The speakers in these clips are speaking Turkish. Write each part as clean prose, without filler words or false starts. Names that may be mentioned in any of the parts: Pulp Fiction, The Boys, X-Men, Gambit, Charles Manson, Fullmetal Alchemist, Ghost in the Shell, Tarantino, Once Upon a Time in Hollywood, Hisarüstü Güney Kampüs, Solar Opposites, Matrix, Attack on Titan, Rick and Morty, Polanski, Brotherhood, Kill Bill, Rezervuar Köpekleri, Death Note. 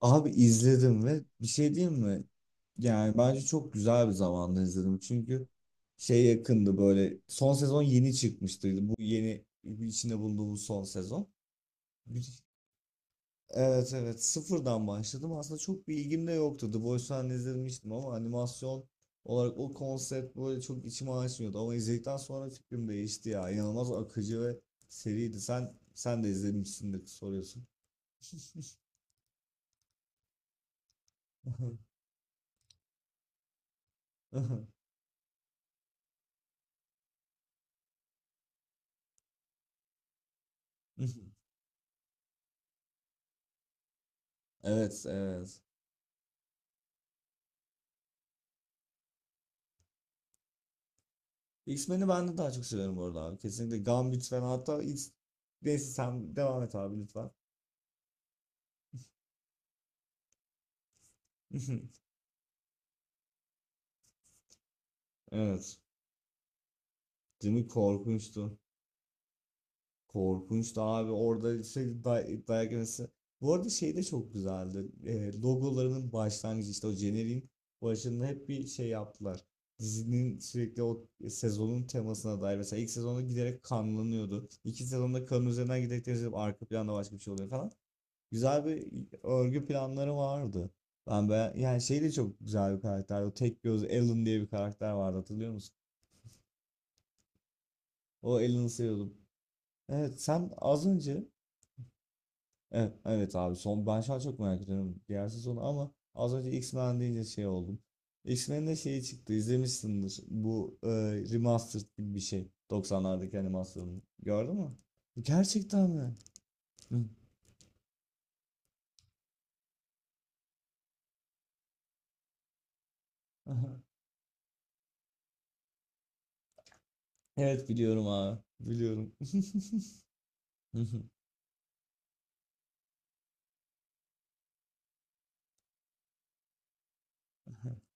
Abi izledim ve bir şey diyeyim mi? Yani bence çok güzel bir zamanda izledim. Çünkü şey yakındı böyle son sezon yeni çıkmıştı. Bu yeni içinde bulunduğumuz son sezon. Bir- Evet evet sıfırdan başladım. Aslında çok bir ilgim de yoktu. The Boys'u hani izlemiştim ama animasyon olarak o konsept böyle çok içime açmıyordu. Ama izledikten sonra fikrim değişti ya. İnanılmaz akıcı ve seriydi. Sen de izlemişsindir soruyorsun. Evet, evet. X-Men'i ben de daha çok seviyorum bu arada abi. Kesinlikle Gambit falan Neyse sen devam et abi lütfen. Evet. Değil mi? Korkunçtu. Korkunçtu abi. Orada şey dayak yemesi. Bu arada şey de çok güzeldi. Logolarının başlangıcı işte o jeneriğin başında hep bir şey yaptılar. Dizinin sürekli o sezonun temasına dair. Mesela ilk sezonda giderek kanlanıyordu. İki sezonda kanın üzerinden giderek temizlenip arka planda başka bir şey oluyor falan. Güzel bir örgü planları vardı. Ben be yani şey de çok güzel bir karakter. O tek göz Alan diye bir karakter vardı, hatırlıyor musun? O Alan'ı seviyordum. Evet sen az önce Evet, evet abi son, ben şu an çok merak ediyorum diğer sezonu, ama az önce X-Men deyince şey oldum. X-Men'de şeyi çıktı, izlemişsindir. Bu remastered gibi bir şey. Doksanlardaki animasyonu. Gördün mü? Gerçekten mi? Hı. Aha. Evet biliyorum abi. Biliyorum.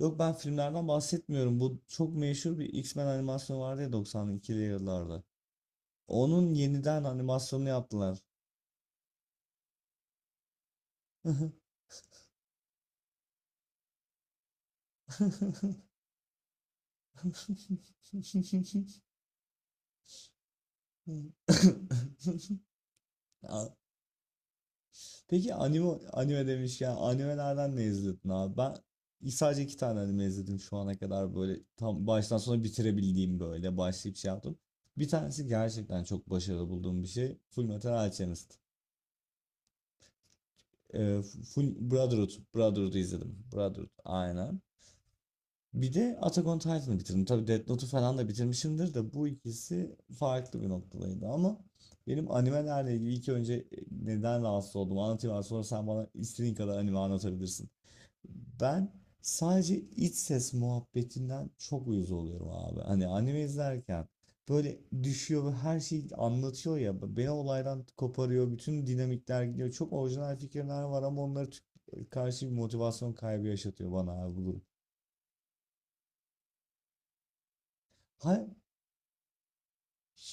Yok ben filmlerden bahsetmiyorum. Bu çok meşhur bir X-Men animasyonu vardı ya 92'li yıllarda. Onun yeniden animasyonunu yaptılar. Aa, peki anime demiş ya, animelerden ne izledin abi? Ben sadece iki tane anime izledim şu ana kadar, böyle tam baştan sona bitirebildiğim, böyle başlayıp şey yaptım. Bir tanesi gerçekten çok başarılı bulduğum bir şey. Fullmetal Alchemist. Full Brotherhood. Brotherhood'u izledim. Brotherhood aynen. Bir de Attack on Titan'ı bitirdim. Tabii Death Note'u falan da bitirmişimdir, de bu ikisi farklı bir noktadaydı. Ama benim animelerle ilgili neden rahatsız oldum anlatayım abi, sonra sen bana istediğin kadar anime anlatabilirsin. Ben sadece iç ses muhabbetinden çok uyuz oluyorum abi. Hani anime izlerken böyle düşüyor ve her şeyi anlatıyor ya. Beni olaydan koparıyor. Bütün dinamikler gidiyor. Çok orijinal fikirler var ama onları karşı bir motivasyon kaybı yaşatıyor bana abi bu durum.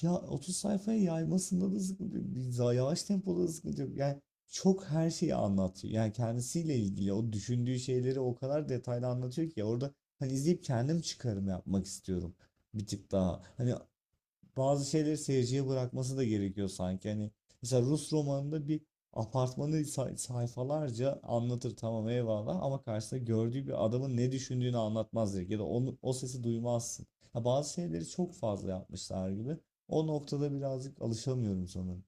Ya 30 sayfaya yaymasında da sıkıntı yok. Yavaş tempoda da sıkıntı yok. Yani çok her şeyi anlatıyor. Yani kendisiyle ilgili o düşündüğü şeyleri o kadar detaylı anlatıyor ki, orada hani izleyip kendim çıkarım yapmak istiyorum bir tık daha. Hani bazı şeyleri seyirciye bırakması da gerekiyor sanki. Hani mesela Rus romanında bir apartmanı sayfalarca anlatır, tamam, eyvallah, ama karşısında gördüğü bir adamın ne düşündüğünü anlatmaz direkt, ya da onu, o sesi duymazsın. Ha, bazı şeyleri çok fazla yapmışlar gibi. O noktada birazcık alışamıyorum sanırım.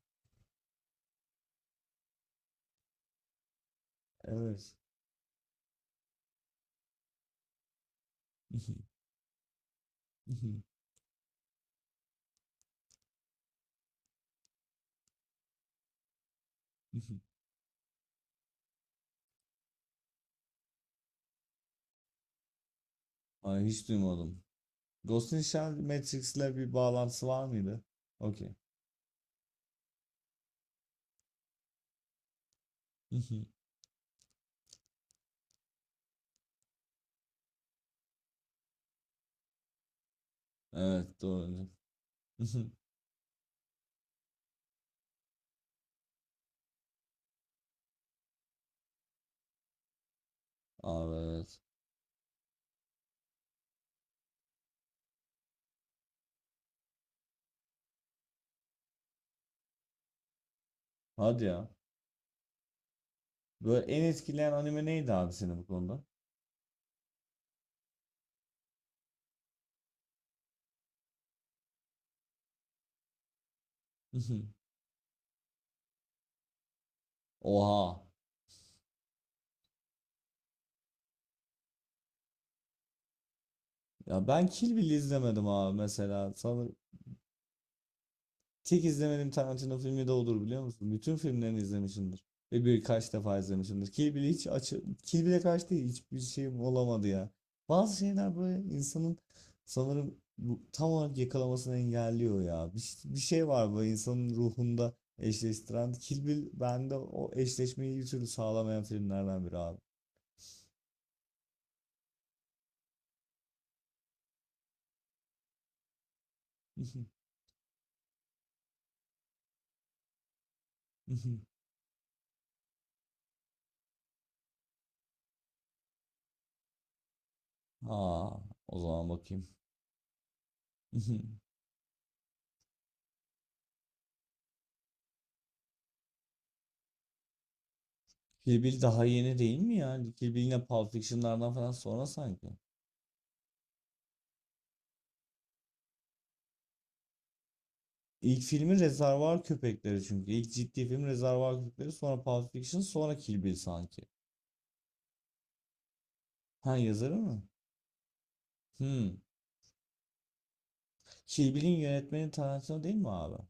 Evet. Ay, hiç duymadım. Ghost in the Shell Matrix'le bir bağlantısı var mıydı? Okey. Evet, doğru. Abi evet. Hadi ya. Böyle en etkileyen anime neydi abi, senin bu konuda? Oha. Ya ben Kill Bill izlemedim abi mesela. Sanırım tek izlemediğim Tarantino filmi de odur, biliyor musun? Bütün filmlerini izlemişimdir. Ve birkaç defa izlemişimdir. Kill Bill'e karşı değil, hiçbir şeyim olamadı ya. Bazı şeyler böyle insanın sanırım bu, tam olarak yakalamasını engelliyor ya. Bir şey var böyle insanın ruhunda eşleştiren. Kill Bill bende o eşleşmeyi bir türlü sağlamayan filmlerden biri abi. Ha, o zaman bakayım. Kill Bill daha yeni değil mi ya? Kill Bill yine Pulp Fiction'lardan falan sonra sanki. İlk filmi Rezervuar Köpekleri çünkü. İlk ciddi film Rezervuar Köpekleri, sonra Pulp Fiction, sonra Kill Bill sanki. Ha, yazarı mı? Hmm. Kill Bill'in yönetmeni Tarantino değil mi abi?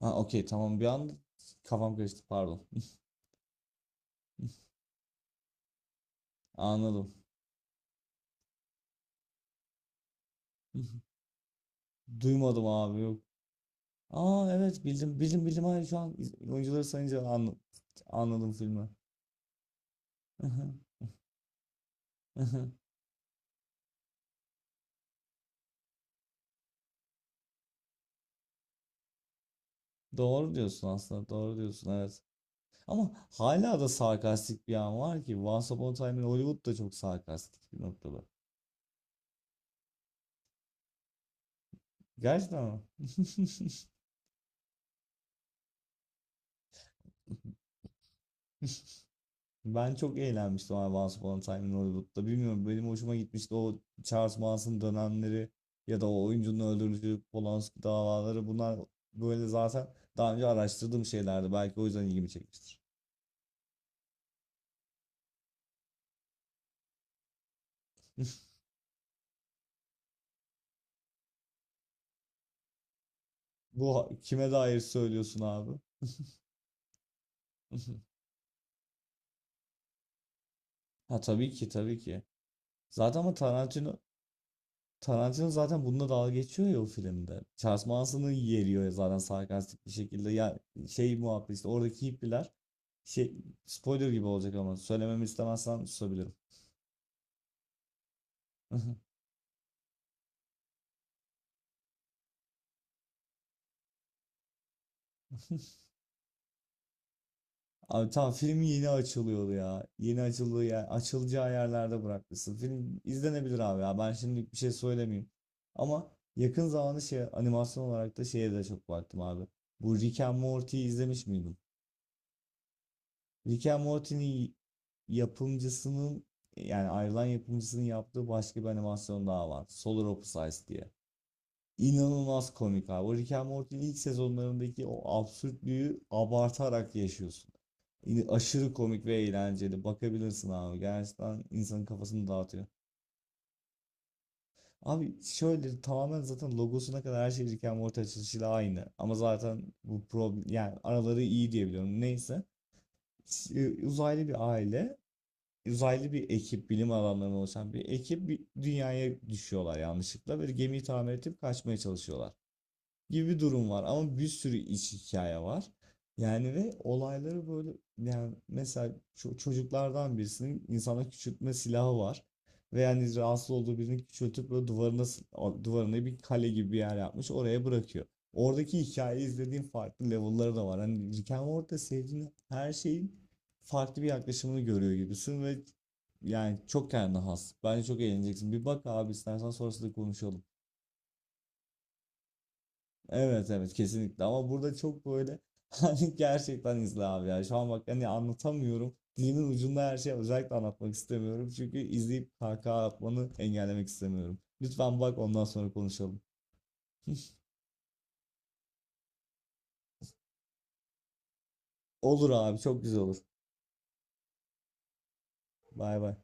Ha, okey, tamam, bir an kafam karıştı, pardon. Anladım. Duymadım abi, yok. Aa, evet, bildim, bildim, bildim, hayır, şu an oyuncuları sayınca anladım filmi. Doğru diyorsun aslında. Doğru diyorsun, evet. Ama hala da sarkastik bir an var ki. Once Upon a Time in Hollywood da çok sarkastik bir noktada. Gerçekten mi? Ben çok eğlenmiştim abi Once Upon a Time in Hollywood'da. Bilmiyorum, benim hoşuma gitmişti o Charles Manson dönemleri, ya da o oyuncunun öldürücü Polanski davaları. Bunlar böyle zaten daha önce araştırdığım şeylerdi. Belki o yüzden ilgimi çekmiştir. Bu kime dair söylüyorsun abi? Ha, tabii ki tabii ki. Zaten, ama Tarantino zaten bununla dalga geçiyor ya o filmde. Charles Manson'ı yeriyor ya zaten, sarkastik bir şekilde. Ya şey muhabbet işte, oradaki hippiler şey, spoiler gibi olacak ama söylememi istemezsen susabilirim. Abi tam film yeni açılıyordu ya. Yeni açıldığı yer, açılacağı yerlerde bırakmışsın. Film izlenebilir abi ya. Ben şimdilik bir şey söylemeyeyim. Ama yakın zamanda şey, animasyon olarak da şeye de çok baktım abi. Bu Rick and Morty izlemiş miydin? Rick and Morty'nin yapımcısının, yani ayrılan yapımcısının yaptığı başka bir animasyon daha var. Solar Opposites diye. İnanılmaz komik abi. O Rick and Morty'nin ilk sezonlarındaki o absürtlüğü abartarak yaşıyorsun. Aşırı komik ve eğlenceli. Bakabilirsin abi. Gerçekten insanın kafasını dağıtıyor. Abi şöyle tamamen zaten logosuna kadar her şey Rick and Morty açılışıyla aynı. Ama zaten bu problem, yani araları iyi diye biliyorum. Neyse. Uzaylı bir aile, uzaylı bir ekip, bilim adamlarının oluşan bir ekip bir dünyaya düşüyorlar yanlışlıkla, ve gemiyi tamir edip kaçmaya çalışıyorlar gibi durum var, ama bir sürü iç hikaye var. Yani ve olayları böyle, yani mesela çocuklardan birisinin insana küçültme silahı var. Ve yani rahatsız olduğu birini küçültüp böyle duvarına bir kale gibi bir yer yapmış, oraya bırakıyor. Oradaki hikayeyi izlediğim farklı level'ları da var. Hani Rick and Morty'de sevdiğin her şeyin farklı bir yaklaşımını görüyor gibisin ve yani çok kendine has. Bence çok eğleneceksin. Bir bak abi, istersen sonrasında konuşalım. Evet, evet, kesinlikle, ama burada çok böyle hani gerçekten izle abi ya, şu an bak, hani anlatamıyorum, dilimin ucunda her şeyi, özellikle anlatmak istemiyorum çünkü izleyip kahkaha atmanı engellemek istemiyorum, lütfen bak, ondan sonra konuşalım. Olur abi, çok güzel olur. Bay bay.